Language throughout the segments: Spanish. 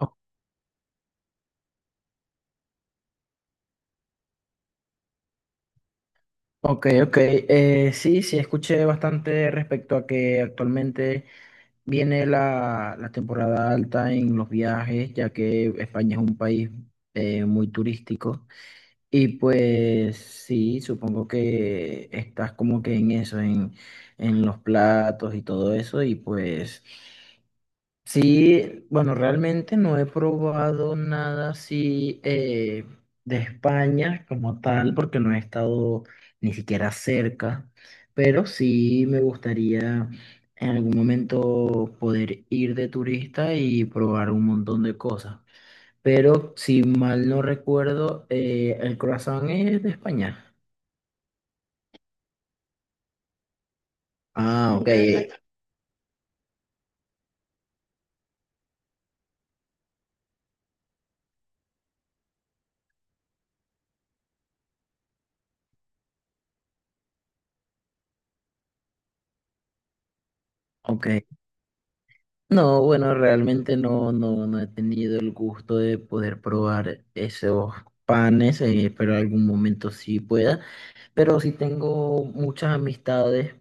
O- Ok, ok. Sí, sí, escuché bastante respecto a que actualmente viene la temporada alta en los viajes, ya que España es un país muy turístico. Y pues sí, supongo que estás como que en eso, en los platos y todo eso. Y pues sí, bueno, realmente no he probado nada así de España como tal, porque no he estado ni siquiera cerca, pero sí me gustaría en algún momento poder ir de turista y probar un montón de cosas. Pero si mal no recuerdo, el croissant es de España. Ah, ok, correcto. Ok. No, bueno, realmente no, no he tenido el gusto de poder probar esos panes, pero algún momento sí pueda. Pero sí tengo muchas amistades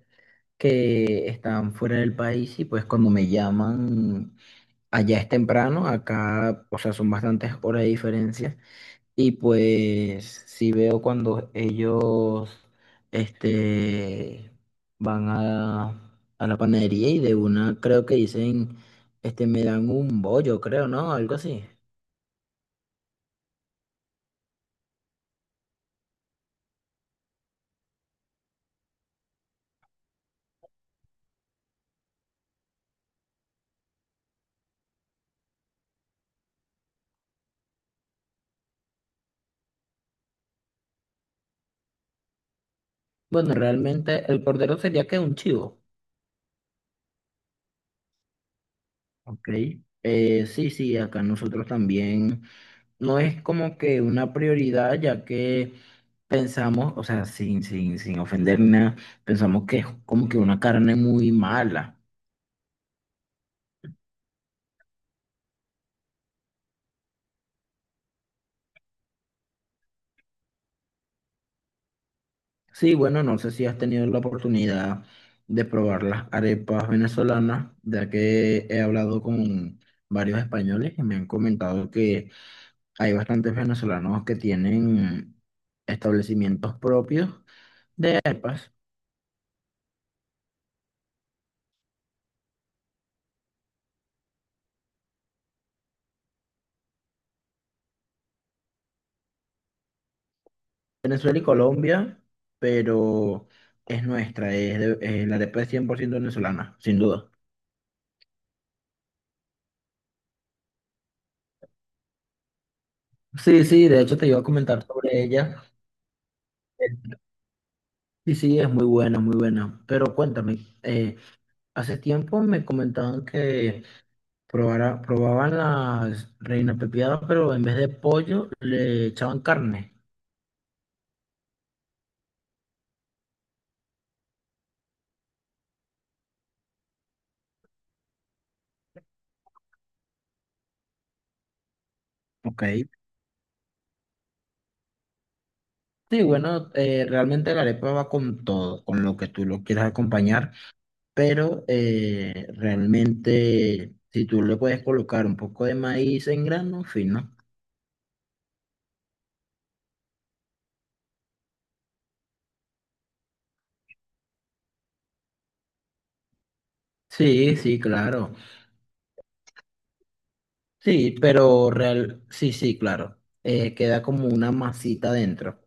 que están fuera del país y pues cuando me llaman allá es temprano, acá, o sea, son bastantes horas de diferencia. Y pues si veo cuando ellos este, van a la panadería y de una creo que dicen, este, me dan un bollo, creo, ¿no? Algo así. Bueno, realmente el cordero sería que un chivo. Ok. Sí, sí, acá nosotros también no es como que una prioridad ya que pensamos, o sea, sin ofender nada, pensamos que es como que una carne muy mala. Sí, bueno, no sé si has tenido la oportunidad de probar las arepas venezolanas, ya que he hablado con varios españoles y me han comentado que hay bastantes venezolanos que tienen establecimientos propios de arepas. Venezuela y Colombia, pero es nuestra, la arepa es 100% venezolana, sin duda. Sí, sí, de hecho te iba a comentar sobre ella. Sí, sí, es muy buena, muy buena. Pero cuéntame, hace tiempo me comentaban que probaban las reina pepiadas, pero en vez de pollo le echaban carne. Ok, sí, bueno, realmente la arepa va con todo, con lo que tú lo quieras acompañar, pero realmente si tú le puedes colocar un poco de maíz en grano, fino. Sí, sí, claro. Sí, pero real, sí, sí, claro. Queda como una masita dentro.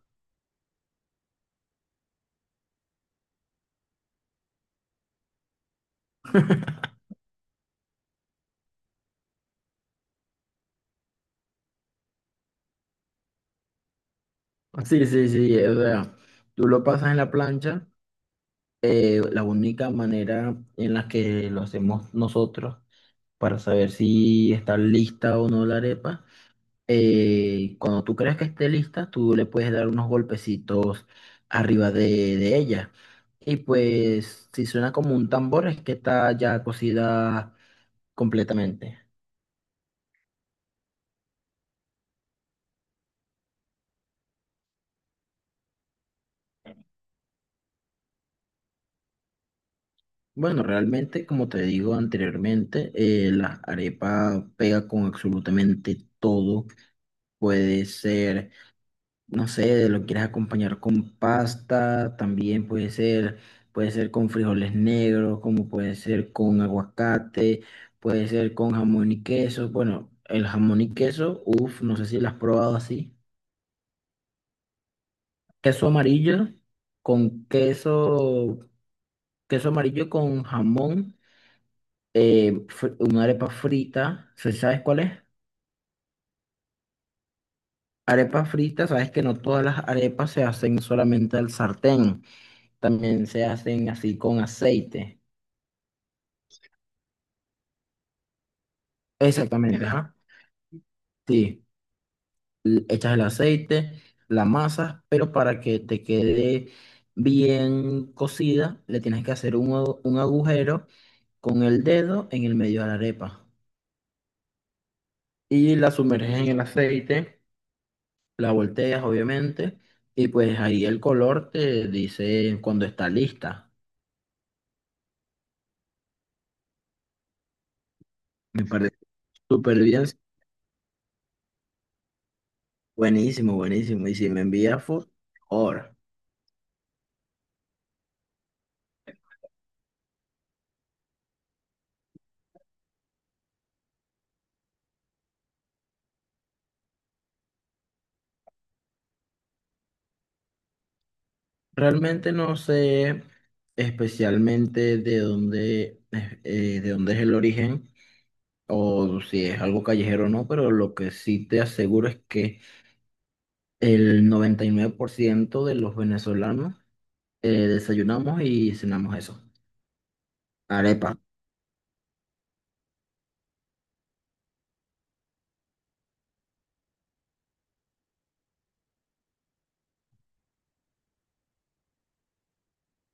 Sí, sí, sí, o sea, tú lo pasas en la plancha, la única manera en la que lo hacemos nosotros para saber si está lista o no la arepa, cuando tú creas que esté lista, tú le puedes dar unos golpecitos arriba de ella. Y pues si suena como un tambor es que está ya cocida completamente. Bueno, realmente, como te digo anteriormente, la arepa pega con absolutamente todo. Puede ser, no sé, lo quieres acompañar con pasta, también puede ser con frijoles negros, como puede ser con aguacate, puede ser con jamón y queso. Bueno, el jamón y queso, uff, no sé si lo has probado así. Queso amarillo con queso, queso amarillo con jamón, una arepa frita, ¿sí, ¿sabes cuál es? Arepa frita, sabes que no todas las arepas se hacen solamente al sartén, también se hacen así con aceite. Exactamente, ajá. Sí, echas el aceite, la masa, pero para que te quede bien cocida, le tienes que hacer un agujero con el dedo en el medio de la arepa. Y la sumerges en el aceite, la volteas obviamente, y pues ahí el color te dice cuando está lista. Me parece súper bien, buenísimo, buenísimo. Y si me envías foto, mejor. Realmente no sé especialmente de dónde, de dónde es el origen o si es algo callejero o no, pero lo que sí te aseguro es que el 99% de los venezolanos desayunamos y cenamos eso, arepa.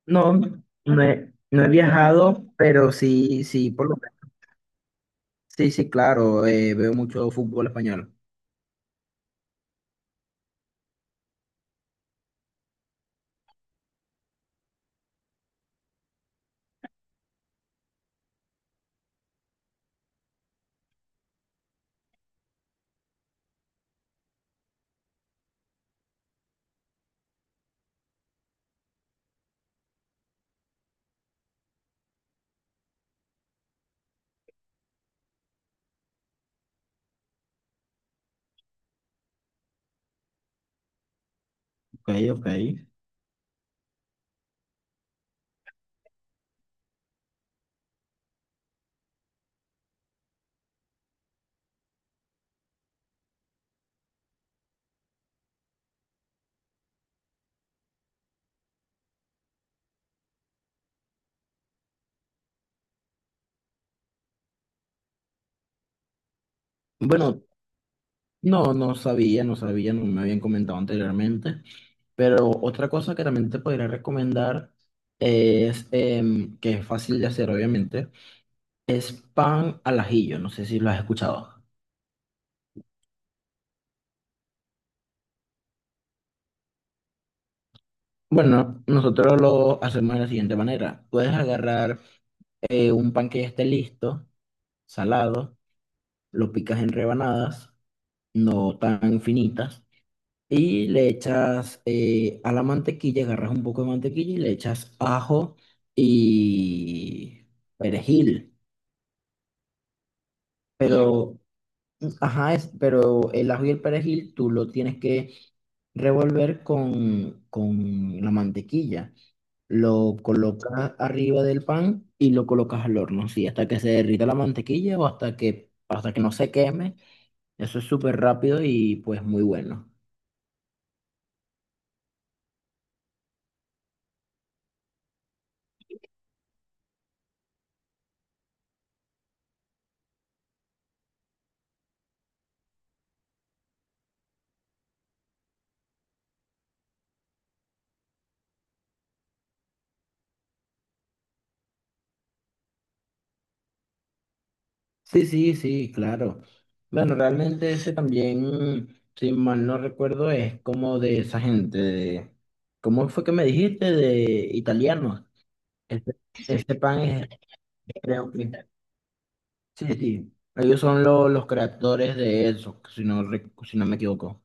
No, no he viajado, pero sí, sí, por lo sí, sí, claro, veo mucho fútbol español. Ok, ok. Bueno, no, no sabía, no sabía, no me habían comentado anteriormente. Pero otra cosa que también te podría recomendar es, que es fácil de hacer, obviamente, es pan al ajillo. No sé si lo has escuchado. Bueno, nosotros lo hacemos de la siguiente manera. Puedes agarrar un pan que ya esté listo, salado, lo picas en rebanadas, no tan finitas. Y le echas a la mantequilla, agarras un poco de mantequilla y le echas ajo y perejil. Pero, ajá, es, pero el ajo y el perejil tú lo tienes que revolver con la mantequilla. Lo colocas arriba del pan y lo colocas al horno, sí, hasta que se derrita la mantequilla o hasta que no se queme. Eso es súper rápido y pues muy bueno. Sí, sí, sí, claro. Bueno, realmente ese también, si mal no recuerdo, es como de esa gente, ¿cómo fue que me dijiste? De italianos. Este, este pan es, creo que, sí, sí, ellos son los creadores de eso, si no, si no me equivoco.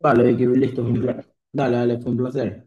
Vale, Vicky, listo, fue un placer. Dale, dale, fue un placer.